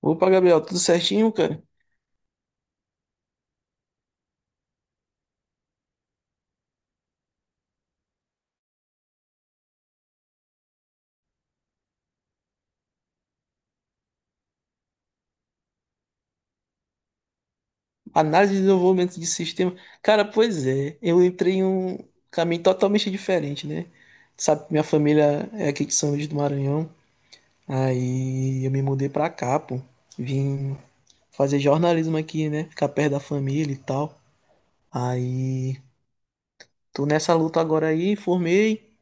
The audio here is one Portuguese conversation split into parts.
Opa, Gabriel, tudo certinho, cara? Análise de desenvolvimento de sistema. Cara, pois é, eu entrei em um caminho totalmente diferente, né? Sabe, minha família é aqui de São Luís do Maranhão. Aí eu me mudei pra cá, pô. Vim fazer jornalismo aqui, né? Ficar perto da família e tal. Aí tô nessa luta agora aí, formei.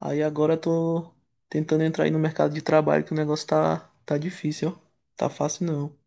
Aí agora tô tentando entrar aí no mercado de trabalho, que o negócio tá difícil, ó. Tá fácil não.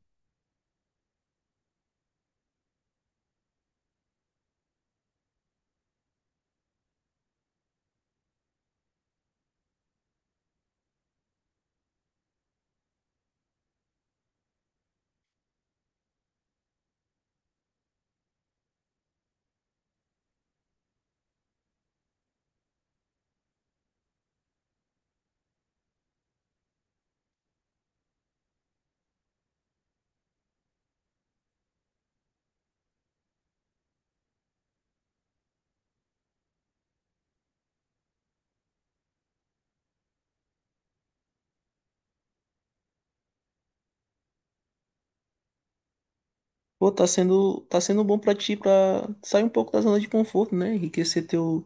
Pô, tá sendo bom pra ti, pra sair um pouco da zona de conforto, né? Enriquecer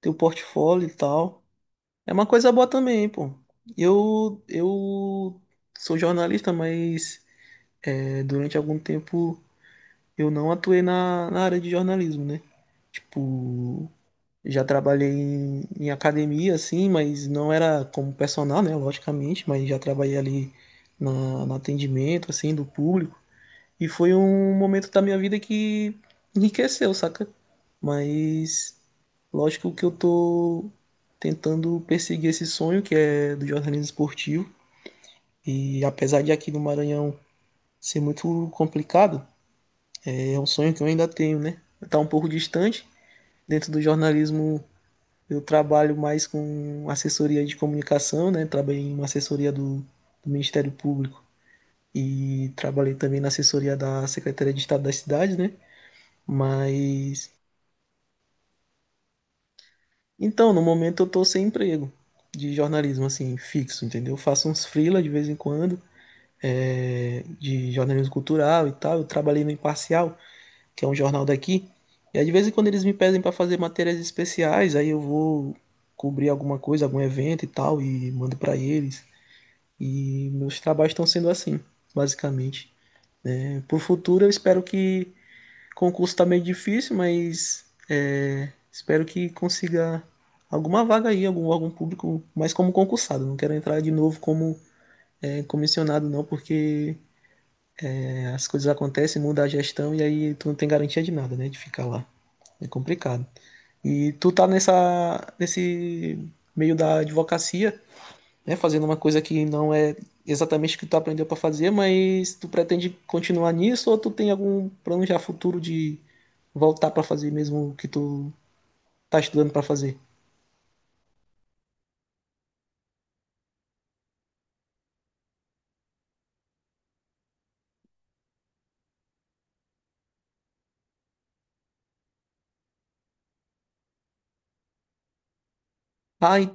teu portfólio e tal. É uma coisa boa também, pô. Eu sou jornalista, mas durante algum tempo eu não atuei na área de jornalismo, né? Tipo, já trabalhei em academia, assim, mas não era como personal, né? Logicamente, mas já trabalhei ali no atendimento, assim, do público. E foi um momento da minha vida que enriqueceu, saca? Mas lógico que eu tô tentando perseguir esse sonho que é do jornalismo esportivo. E apesar de aqui no Maranhão ser muito complicado, é um sonho que eu ainda tenho, né? Tá um pouco distante. Dentro do jornalismo eu trabalho mais com assessoria de comunicação, né? Trabalhei em uma assessoria do Ministério Público e trabalhei também na assessoria da Secretaria de Estado das Cidades, né? Mas então, no momento eu tô sem emprego de jornalismo assim fixo, entendeu? Eu faço uns freela de vez em quando, de jornalismo cultural e tal. Eu trabalhei no Imparcial, que é um jornal daqui, e aí de vez em quando eles me pedem para fazer matérias especiais, aí eu vou cobrir alguma coisa, algum evento e tal e mando para eles. E meus trabalhos estão sendo assim, basicamente. Pro futuro eu espero que concurso tá meio difícil, mas espero que consiga alguma vaga aí, algum órgão público, mas como concursado. Não quero entrar de novo como comissionado, não, porque as coisas acontecem, muda a gestão e aí tu não tem garantia de nada, né? De ficar lá. É complicado. E tu tá nesse meio da advocacia, né, fazendo uma coisa que não é exatamente o que tu aprendeu para fazer, mas tu pretende continuar nisso ou tu tem algum plano já futuro de voltar para fazer mesmo o que tu tá estudando para fazer? Ah, e-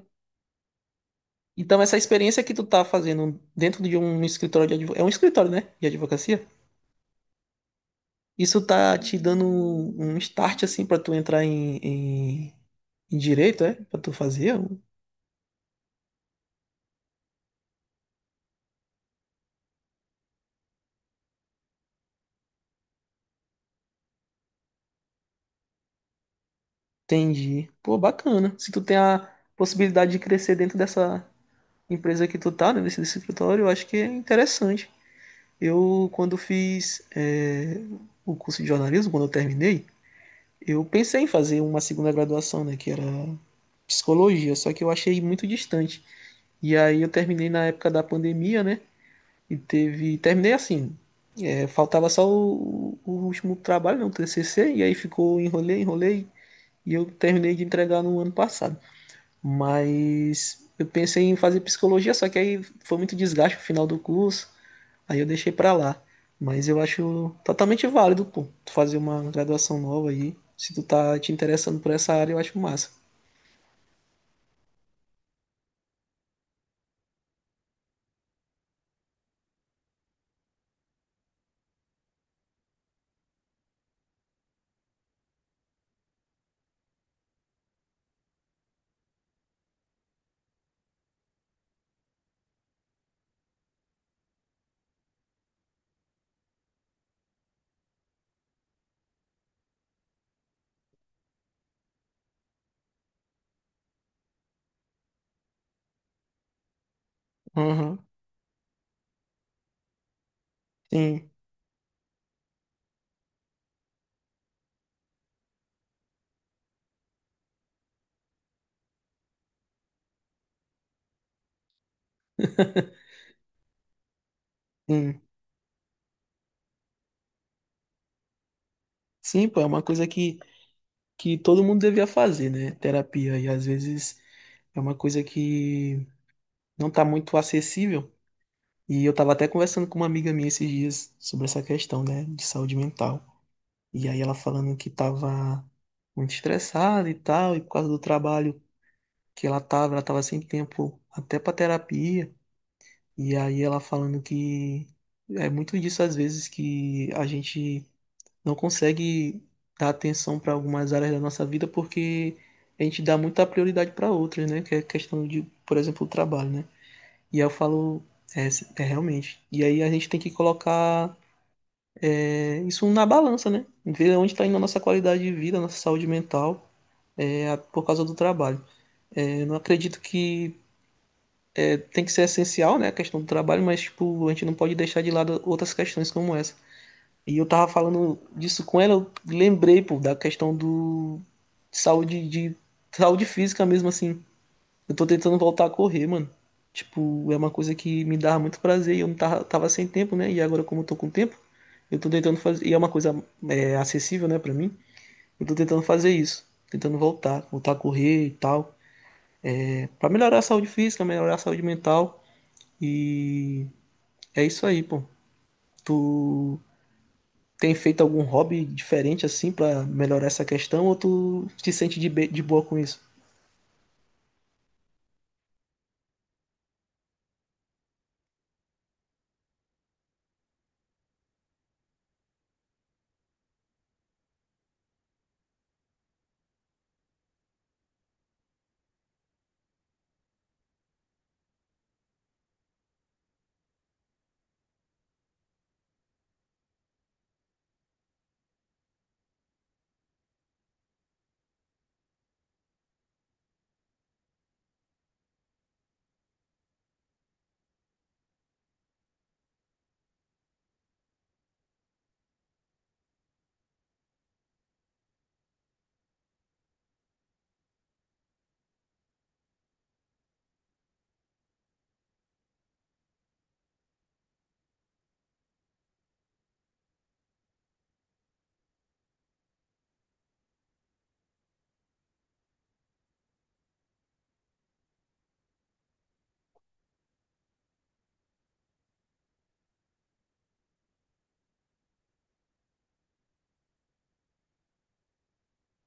então essa experiência que tu tá fazendo dentro de um escritório de advocacia, é um escritório, né, de advocacia? Isso tá te dando um start assim para tu entrar em direito, é? Para tu fazer? Entendi. Pô, bacana. Se tu tem a possibilidade de crescer dentro dessa empresa que tu tá, né, nesse escritório, eu acho que é interessante. Eu, quando fiz o curso de jornalismo, quando eu terminei, eu pensei em fazer uma segunda graduação, né, que era psicologia, só que eu achei muito distante. E aí eu terminei na época da pandemia, né, e teve. Terminei assim, faltava só o último trabalho, né, o TCC, e aí ficou, enrolei, e eu terminei de entregar no ano passado. Mas eu pensei em fazer psicologia, só que aí foi muito desgaste no final do curso, aí eu deixei pra lá. Mas eu acho totalmente válido, pô, tu fazer uma graduação nova aí. Se tu tá te interessando por essa área, eu acho massa. Aham. Sim, sim. Sim, pô, é uma coisa que todo mundo devia fazer, né? Terapia. E às vezes é uma coisa que não tá muito acessível. E eu tava até conversando com uma amiga minha esses dias sobre essa questão, né, de saúde mental. E aí ela falando que tava muito estressada e tal, e por causa do trabalho que ela tava sem tempo até pra terapia. E aí ela falando que é muito disso às vezes que a gente não consegue dar atenção para algumas áreas da nossa vida porque a gente dá muita prioridade para outras, né? Que é questão de, por exemplo, o trabalho, né? E aí eu falo, é realmente. E aí a gente tem que colocar isso na balança, né? Ver onde está indo a nossa qualidade de vida, a nossa saúde mental. Por causa do trabalho. Eu não acredito que tem que ser essencial, né, a questão do trabalho, mas tipo, a gente não pode deixar de lado outras questões como essa. E eu tava falando disso com ela, eu lembrei, pô, da questão do saúde de saúde física mesmo assim. Eu tô tentando voltar a correr, mano. Tipo, é uma coisa que me dava muito prazer e eu não tava sem tempo, né? E agora como eu tô com tempo, eu tô tentando fazer, e é uma coisa acessível, né, pra mim. Eu tô tentando fazer isso, tentando voltar a correr e tal, para melhorar a saúde física, melhorar a saúde mental. E é isso aí, pô. Tu tem feito algum hobby diferente assim para melhorar essa questão ou tu te sente de boa com isso?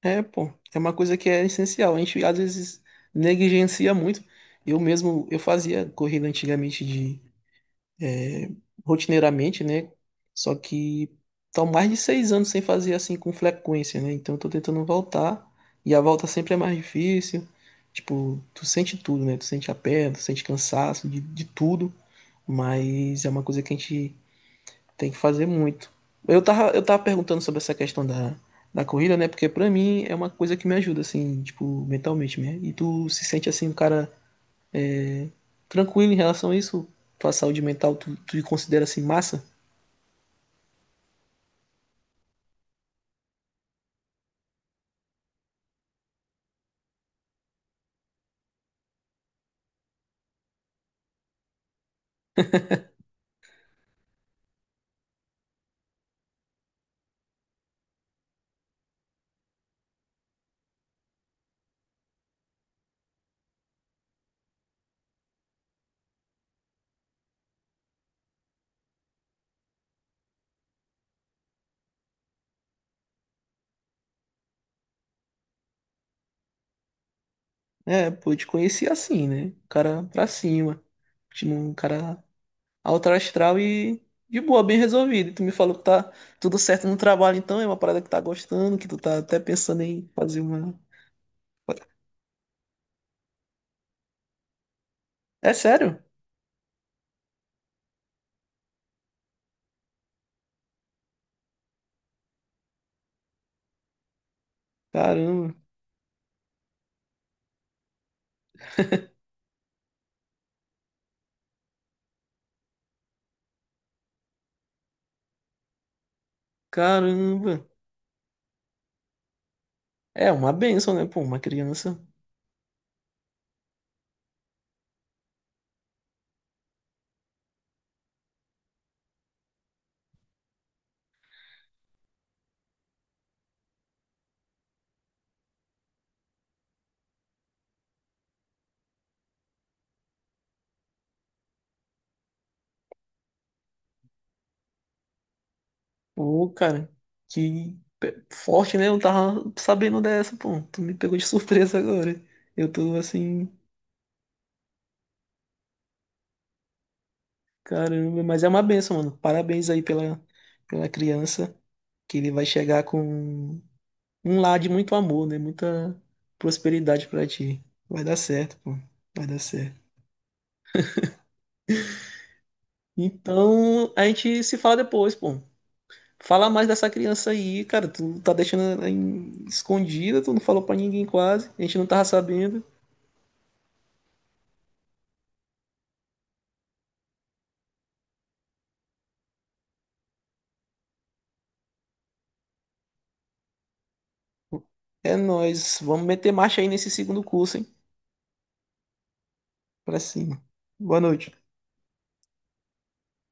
É, pô, é uma coisa que é essencial. A gente às vezes negligencia muito. Eu mesmo, eu fazia corrida antigamente de rotineiramente, né? Só que tô mais de seis anos sem fazer assim com frequência, né? Então eu tô tentando voltar e a volta sempre é mais difícil. Tipo, tu sente tudo, né? Tu sente a perna, tu sente cansaço de tudo, mas é uma coisa que a gente tem que fazer muito. Eu tava perguntando sobre essa questão da corrida, né? Porque pra mim é uma coisa que me ajuda, assim, tipo, mentalmente, né? E tu se sente assim, um cara tranquilo em relação a isso? Tua saúde mental, tu considera assim massa? É, pô, te conheci assim, né? O cara pra cima. Tipo, um cara alto astral e de boa, bem resolvido. E tu me falou que tá tudo certo no trabalho, então é uma parada que tá gostando, que tu tá até pensando em fazer uma. É sério? Caramba, caramba. É uma benção, né? Pô, uma criança. Pô, cara, forte, né? Eu tava sabendo dessa, pô. Tu me pegou de surpresa agora. Eu tô assim, caramba. Mas é uma benção, mano. Parabéns aí pela criança, que ele vai chegar com um lar de muito amor, né? Muita prosperidade pra ti. Vai dar certo, pô. Vai dar certo. Então, a gente se fala depois, pô. Fala mais dessa criança aí, cara. Tu tá deixando ela escondida, tu não falou pra ninguém quase. A gente não tava sabendo. É nóis. Vamos meter marcha aí nesse segundo curso, hein? Pra cima. Boa noite.